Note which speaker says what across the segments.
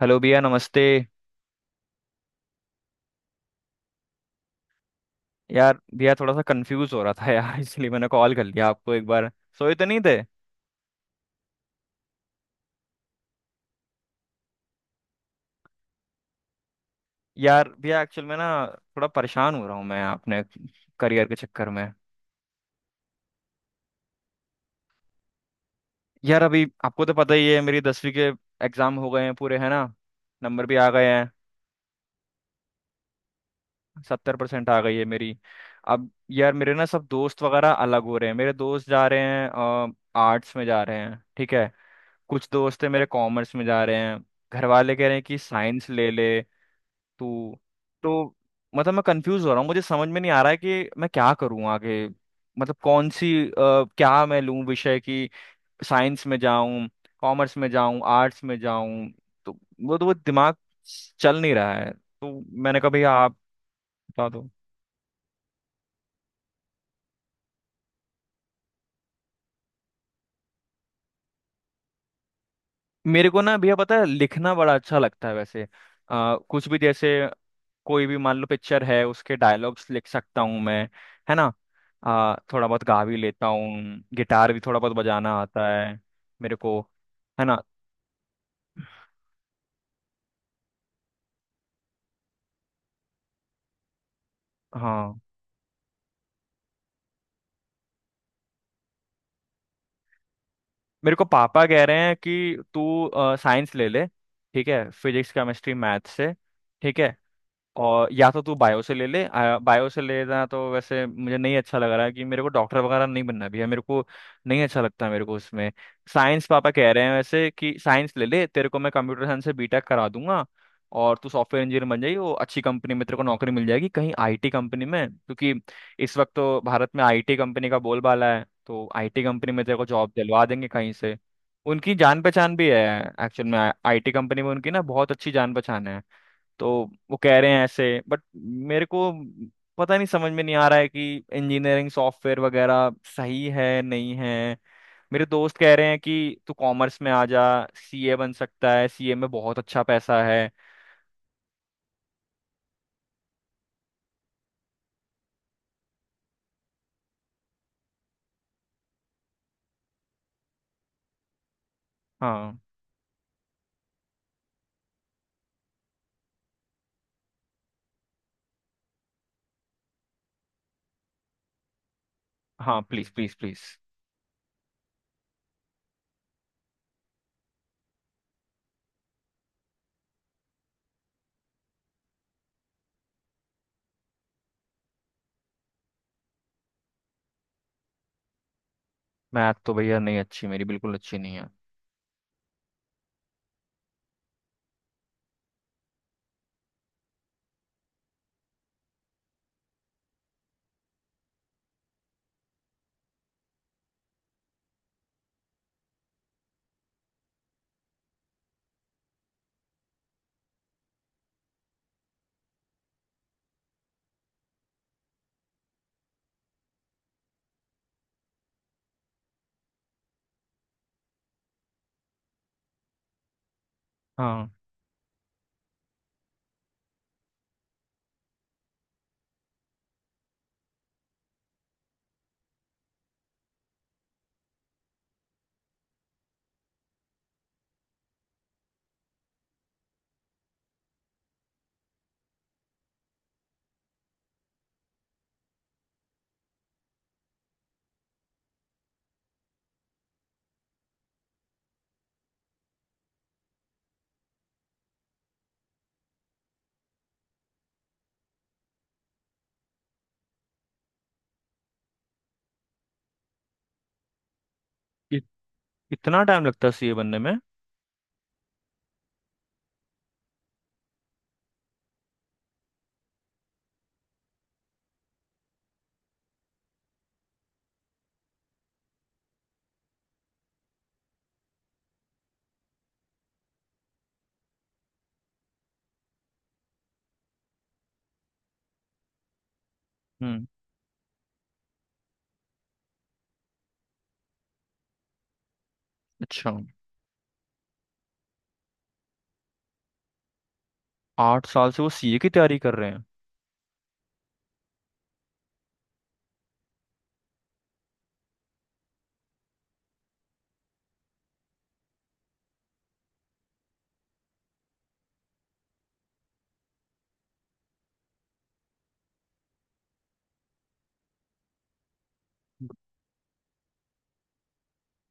Speaker 1: Hello भैया नमस्ते। यार भैया थोड़ा सा कंफ्यूज हो रहा था यार इसलिए मैंने कॉल कर लिया आपको एक बार। सोए तो नहीं थे? यार भैया एक्चुअल में ना थोड़ा परेशान हो रहा हूँ मैं अपने करियर के चक्कर में। यार अभी आपको तो पता ही है, मेरी 10वीं के एग्जाम हो गए हैं पूरे, है ना। नंबर भी आ गए हैं। 70% आ गई है मेरी। अब यार मेरे ना सब दोस्त वगैरह अलग हो रहे हैं, मेरे दोस्त जा रहे हैं। आर्ट्स में जा रहे हैं, ठीक है। कुछ दोस्त है मेरे, कॉमर्स में जा रहे हैं। घर वाले कह रहे हैं कि साइंस ले ले। तो तो मतलब मैं कंफ्यूज हो रहा हूँ, मुझे समझ में नहीं आ रहा है कि मैं क्या करूँ आगे। मतलब कौन सी क्या मैं लूँ विषय की। साइंस में जाऊँ, कॉमर्स में जाऊँ, आर्ट्स में जाऊँ। तो तो वो दिमाग चल नहीं रहा है तो। मैंने कहा भैया आप बता दो। मेरे को ना भैया पता है, लिखना बड़ा अच्छा लगता है वैसे, कुछ भी, जैसे कोई भी मान लो पिक्चर है उसके डायलॉग्स लिख सकता हूँ मैं, है ना। थोड़ा बहुत गा भी लेता हूँ। गिटार भी थोड़ा बहुत बजाना आता है मेरे को, है ना। हाँ। मेरे को पापा कह रहे हैं कि तू साइंस ले ले, ठीक है, फिजिक्स केमिस्ट्री मैथ से, ठीक है। और या तो तू बायो से ले ले, बायो से लेना तो वैसे मुझे नहीं अच्छा लग रहा है, कि मेरे को डॉक्टर वगैरह नहीं बनना भी है मेरे को, नहीं अच्छा लगता मेरे को उसमें। साइंस पापा कह रहे हैं वैसे कि साइंस ले ले तेरे को, मैं कंप्यूटर साइंस से बीटेक करा दूंगा, और तू सॉफ्टवेयर इंजीनियर बन जाएगी, वो अच्छी कंपनी में तेरे को नौकरी मिल जाएगी कहीं आईटी कंपनी में, क्योंकि इस वक्त तो भारत में आईटी कंपनी का बोलबाला है, तो आईटी कंपनी में तेरे को जॉब दिलवा देंगे कहीं से, उनकी जान पहचान भी है। एक्चुअल में आईटी कंपनी में उनकी ना बहुत अच्छी जान पहचान है। तो वो कह रहे हैं ऐसे, बट मेरे को पता नहीं, समझ में नहीं आ रहा है कि इंजीनियरिंग सॉफ्टवेयर वगैरह सही है नहीं है। मेरे दोस्त कह रहे हैं कि तू कॉमर्स में आ जा, सीए बन सकता है, सीए में बहुत अच्छा पैसा है। हाँ हाँ, प्लीज प्लीज प्लीज। मैथ तो भैया नहीं अच्छी, मेरी बिल्कुल अच्छी नहीं है। हाँ, इत, इतना टाइम लगता है सीए बनने में? हम्म, अच्छा। 8 साल से वो सीए की तैयारी कर रहे हैं?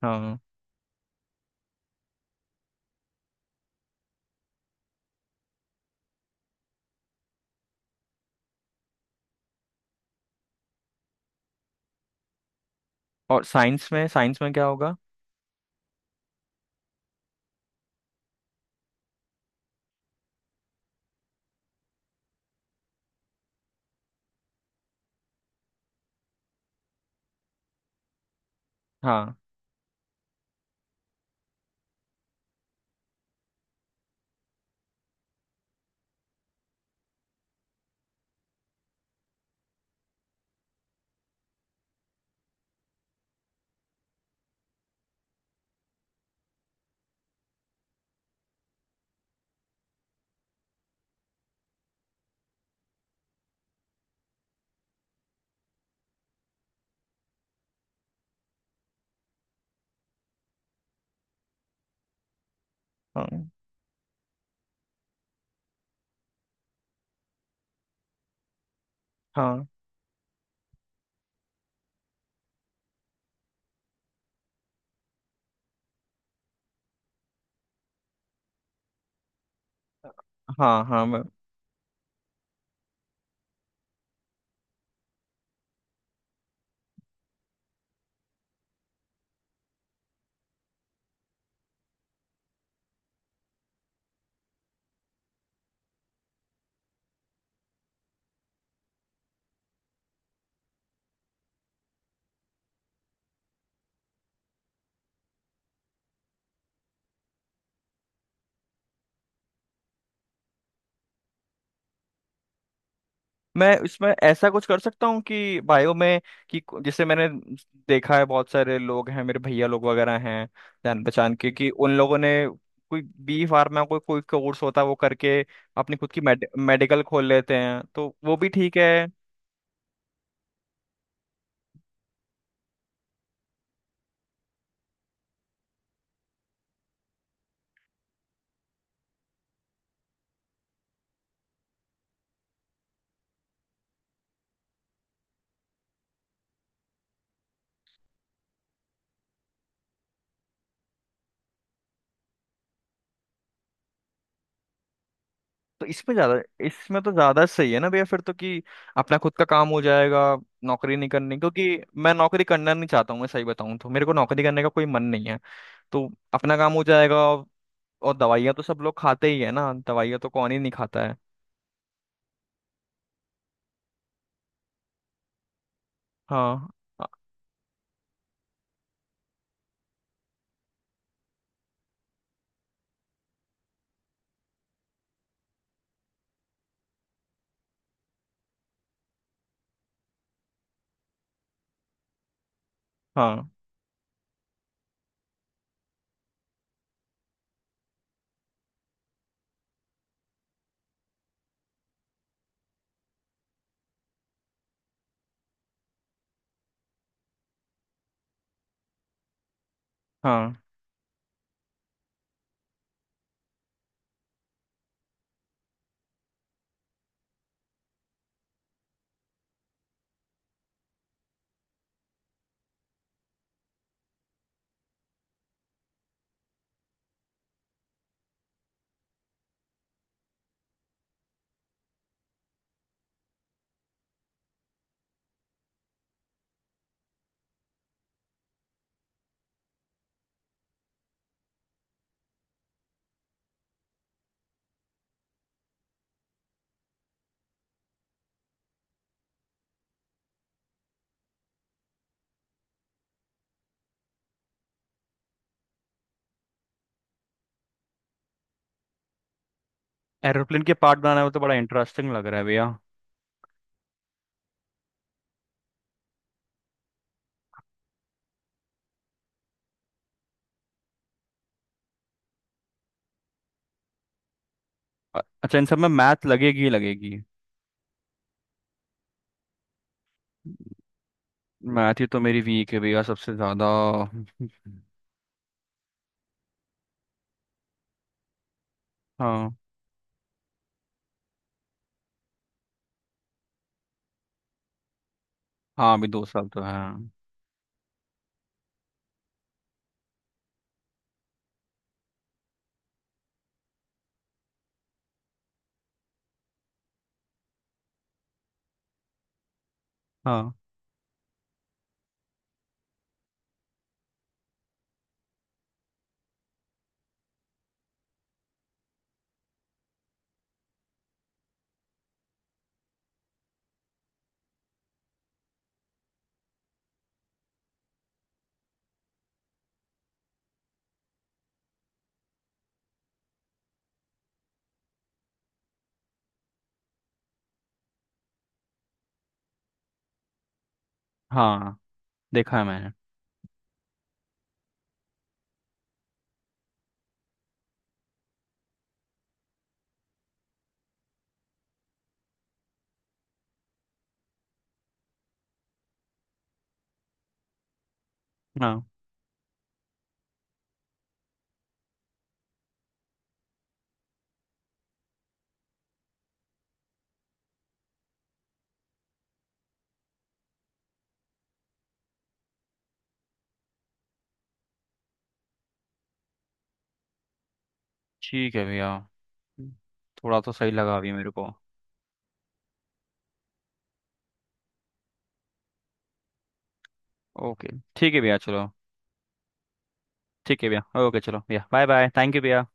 Speaker 1: हाँ, और साइंस में, साइंस में क्या होगा। हाँ, हाँ, हाँ, हाँ, हाँ, मैं इसमें ऐसा कुछ कर सकता हूँ कि बायो में, कि जैसे मैंने देखा है, बहुत सारे लोग हैं मेरे भैया लोग वगैरह हैं जान पहचान के, कि उन लोगों ने कोई बी फार्मा कोई कोई कोर्स होता है, वो करके अपनी खुद की मेडिकल खोल लेते हैं, तो वो भी ठीक है। तो इसमें ज्यादा, इसमें तो ज्यादा सही है ना भैया फिर तो, कि अपना खुद का काम हो जाएगा। नौकरी नहीं करनी, क्योंकि मैं नौकरी करना नहीं चाहता हूँ, मैं सही बताऊँ तो मेरे को नौकरी करने का कोई मन नहीं है, तो अपना काम हो जाएगा। और दवाइयाँ तो सब लोग खाते ही है ना, दवाइयाँ तो कौन ही नहीं खाता है। हाँ, अ- हाँ हाँ। एरोप्लेन के पार्ट बनाने में तो बड़ा इंटरेस्टिंग लग रहा है भैया। अच्छा, इन सब में मैथ लगेगी ही लगेगी। मैथ ही तो मेरी वीक है भैया, सबसे ज़्यादा। हाँ हाँ, अभी 2 साल तो है। हाँ हाँ, देखा है मैंने। हाँ ठीक है भैया, थोड़ा तो सही लगा अभी मेरे को। ओके, ठीक है भैया चलो। ठीक है भैया ओके, चलो भैया, बाय बाय, थैंक यू भैया।